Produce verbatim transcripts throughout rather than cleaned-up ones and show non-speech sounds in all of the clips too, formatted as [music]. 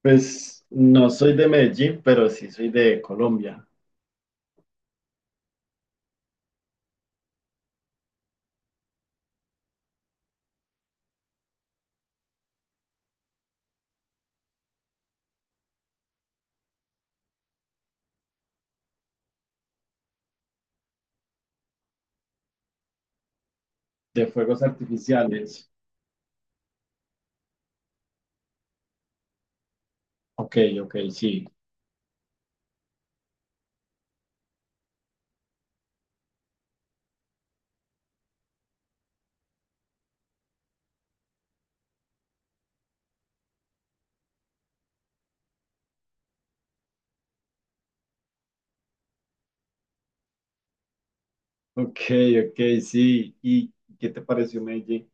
Pues no soy de Medellín, pero sí soy de Colombia, de fuegos artificiales. Ok, ok, sí. Ok, ok, sí. ¿Y qué te pareció Medellín?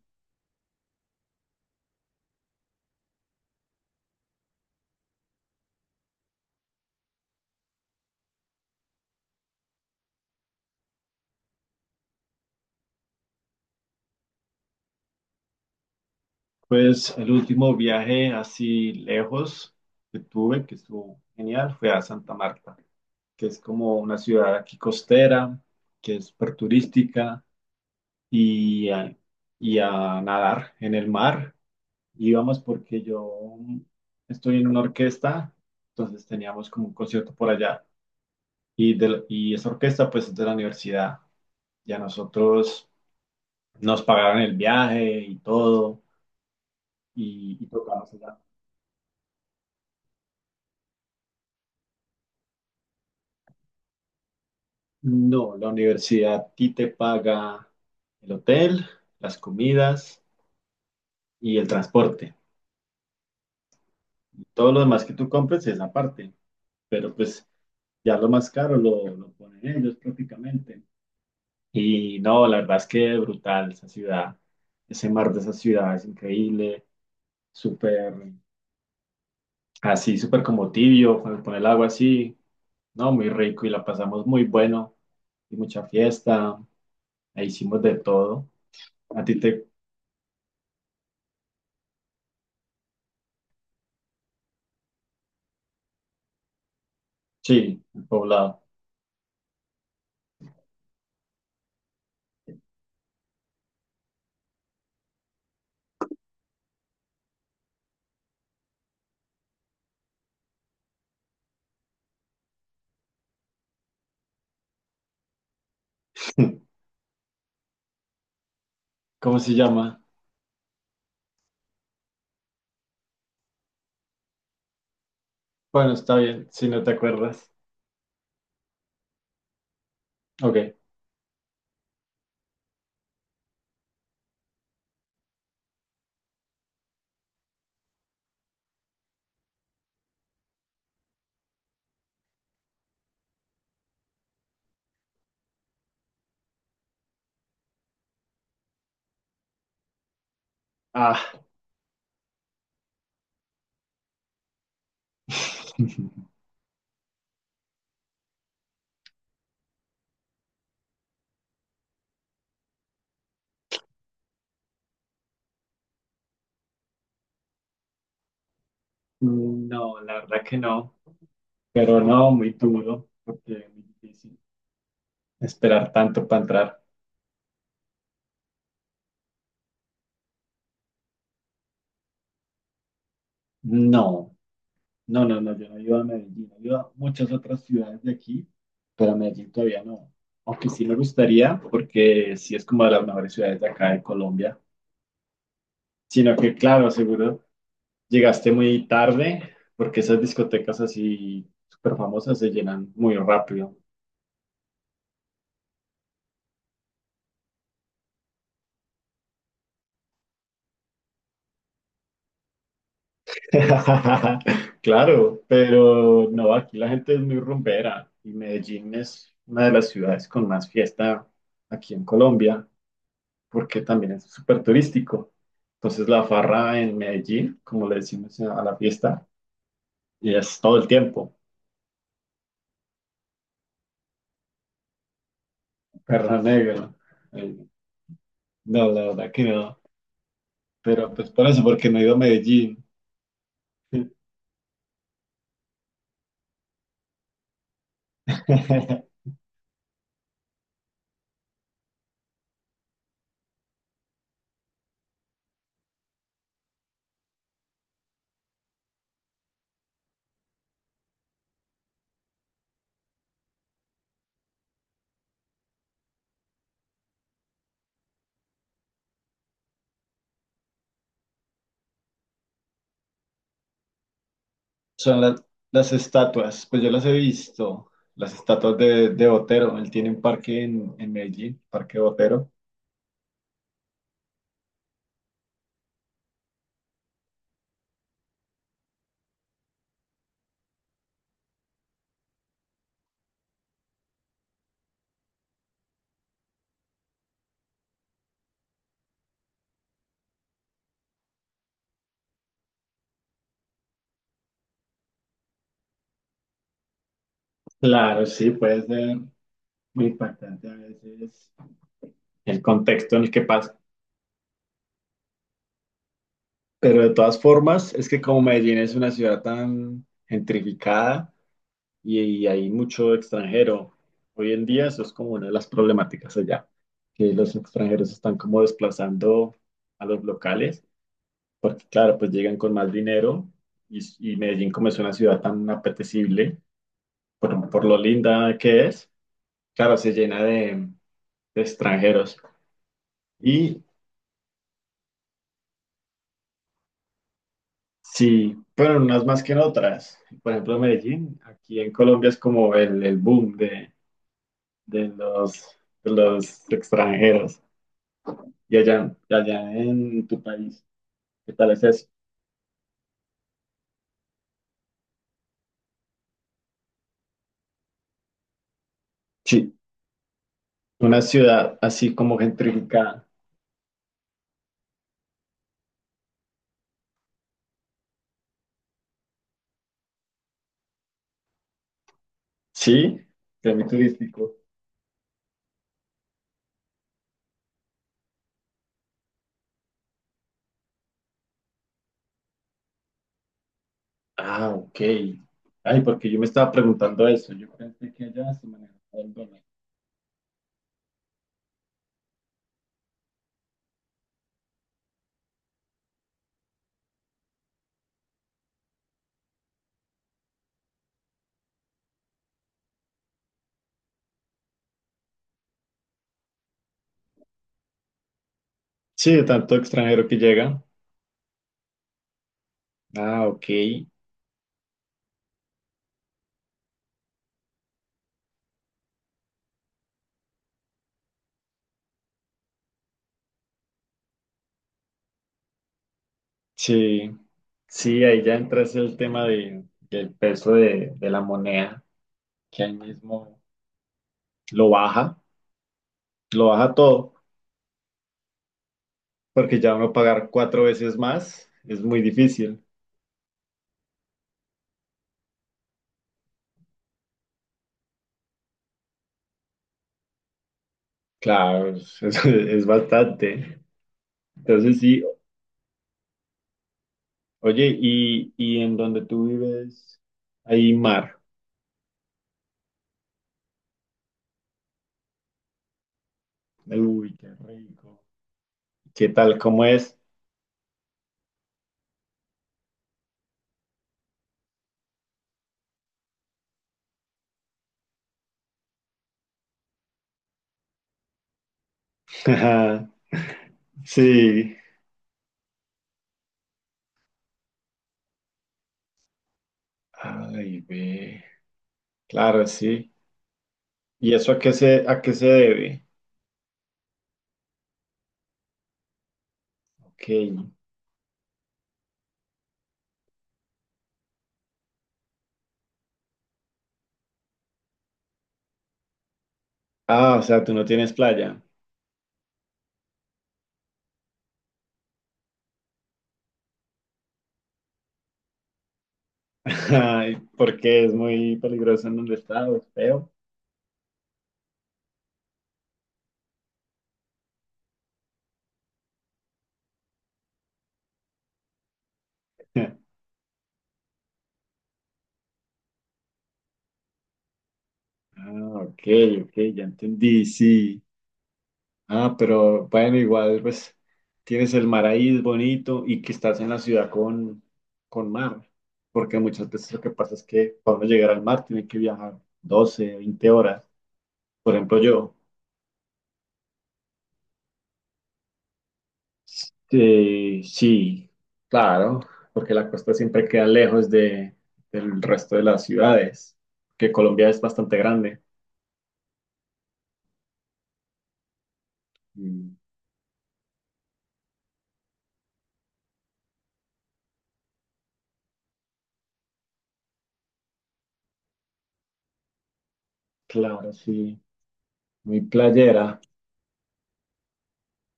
Pues el último viaje así lejos que tuve, que estuvo genial, fue a Santa Marta, que es como una ciudad aquí costera, que es súper turística, y a, y a nadar en el mar. Íbamos porque yo estoy en una orquesta, entonces teníamos como un concierto por allá. Y, de, la- y esa orquesta pues es de la universidad. Y a nosotros nos pagaron el viaje y todo, y, y tocamos allá. No, la universidad a ti te paga el hotel, las comidas y el transporte. Todo lo demás que tú compres es aparte, pero pues ya lo más caro lo, lo ponen ellos prácticamente. Y no, la verdad es que brutal esa ciudad, ese mar de esa ciudad es increíble, súper así, súper como tibio, cuando pone el agua así, no, muy rico y la pasamos muy bueno, y mucha fiesta, ahí hicimos de todo. A ti te, sí, el poblado, [laughs] ¿cómo se llama? Bueno, está bien, si no te acuerdas. Ok. Ah. [laughs] No, la verdad que no, pero no, muy duro, porque es muy difícil esperar tanto para entrar. No, no, no, no, yo no iba a Medellín, yo iba a muchas otras ciudades de aquí, pero a Medellín todavía no. Aunque sí me gustaría, porque sí es como de las mejores ciudades de acá de Colombia. Sino que, claro, seguro llegaste muy tarde, porque esas discotecas así súper famosas se llenan muy rápido. [laughs] Claro, pero no, aquí la gente es muy rumbera y Medellín es una de las ciudades con más fiesta aquí en Colombia. Porque también es súper turístico. Entonces la farra en Medellín, como le decimos a la fiesta, y es todo el tiempo, perro negro. Eh, No, la verdad que no. Pero pues por eso, porque no he ido a Medellín. [laughs] Son las, las estatuas, pues yo las he visto, las estatuas de, de Botero. Él tiene un parque en, en Medellín, Parque Botero. Claro, sí, puede ser muy impactante a veces el contexto en el que pasa. Pero de todas formas, es que como Medellín es una ciudad tan gentrificada y, y hay mucho extranjero, hoy en día eso es como una de las problemáticas allá, que los extranjeros están como desplazando a los locales, porque claro, pues llegan con más dinero y, y Medellín como es una ciudad tan apetecible, por, por lo linda que es, claro, se llena de, de extranjeros. Y sí, pero en unas más que en otras. Por ejemplo, Medellín, aquí en Colombia es como el, el boom de, de los, de los extranjeros. Y allá, y allá en tu país, ¿qué tal es eso? Sí, una ciudad así como gentrificada. Sí, turístico. Ah, ok. Ay, porque yo me estaba preguntando eso. Yo pensé que allá se manejaba el dólar. Sí, de tanto extranjero que llega. Ah, ok. Sí, sí, ahí ya entra ese el tema de, del peso de, de la moneda, que ahí mismo lo baja, lo baja todo, porque ya uno pagar cuatro veces más es muy difícil. Claro, [laughs] es, es- es bastante. Entonces sí, oye, y, y en donde tú vives, hay mar. Uy, qué rico. ¿Qué tal? ¿Cómo es? [laughs] Sí. Ay, ve. Claro, sí. ¿Y eso a qué se, a qué se debe? Ok. Ah, o sea, tú no tienes playa. [laughs] Ay, ¿por qué? Es muy peligroso en donde estás, es feo. [laughs] Ah, ok, ok, ya entendí, sí. Ah, pero bueno, igual pues tienes el mar ahí, es bonito, y que estás en la ciudad con, con mar, porque muchas veces lo que pasa es que para uno llegar al mar tiene que viajar doce, veinte horas. Por ejemplo, yo. Sí, sí, claro, porque la costa siempre queda lejos de, del resto de las ciudades, que Colombia es bastante grande. Mm, claro, sí, muy playera,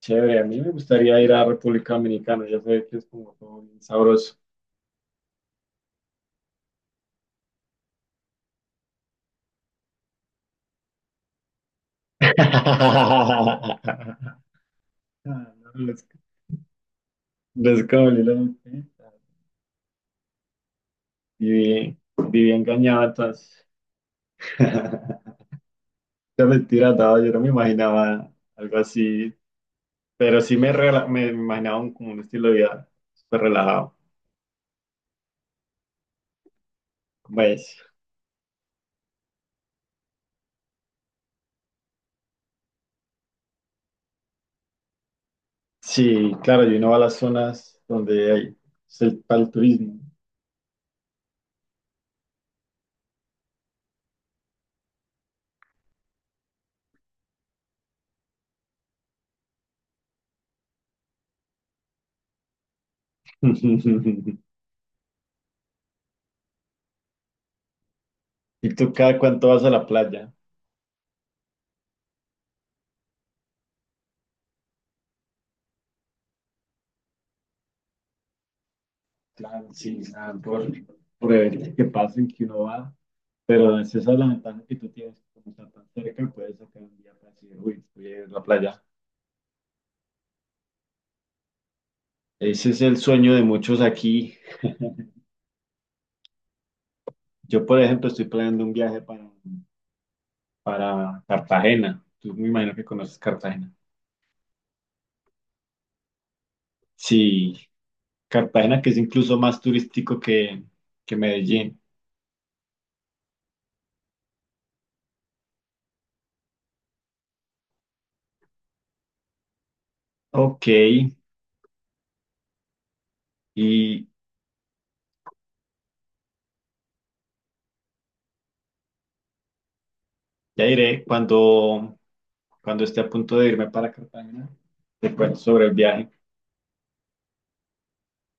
chévere. A mí me gustaría ir a República Dominicana, ya sé que es como todo bien sabroso. [laughs] Ah, no, les, les cabalé la boquita. Viví, viví engañado entonces. [laughs] La mentira, no, yo no me imaginaba algo así. Pero sí me, rela- me imaginaba un, como un estilo de vida súper relajado. Pues, sí, claro, y uno va a las zonas donde hay es el, para el turismo. [laughs] ¿Y tú cada cuánto vas a la playa? Claro, sí, nada, por, por eventos que pasen que uno va. Pero es esa la ventana que tú tienes, como está tan cerca, puedes sacar un día para decir, uy, voy a ir a la playa. Ese es el sueño de muchos aquí. Yo, por ejemplo, estoy planeando un viaje para para Cartagena. Tú me imagino que conoces Cartagena. Sí, Cartagena que es incluso más turístico que, que Medellín. Ok, y ya iré cuando, cuando esté a punto de irme para Cartagena, te cuento sobre el viaje.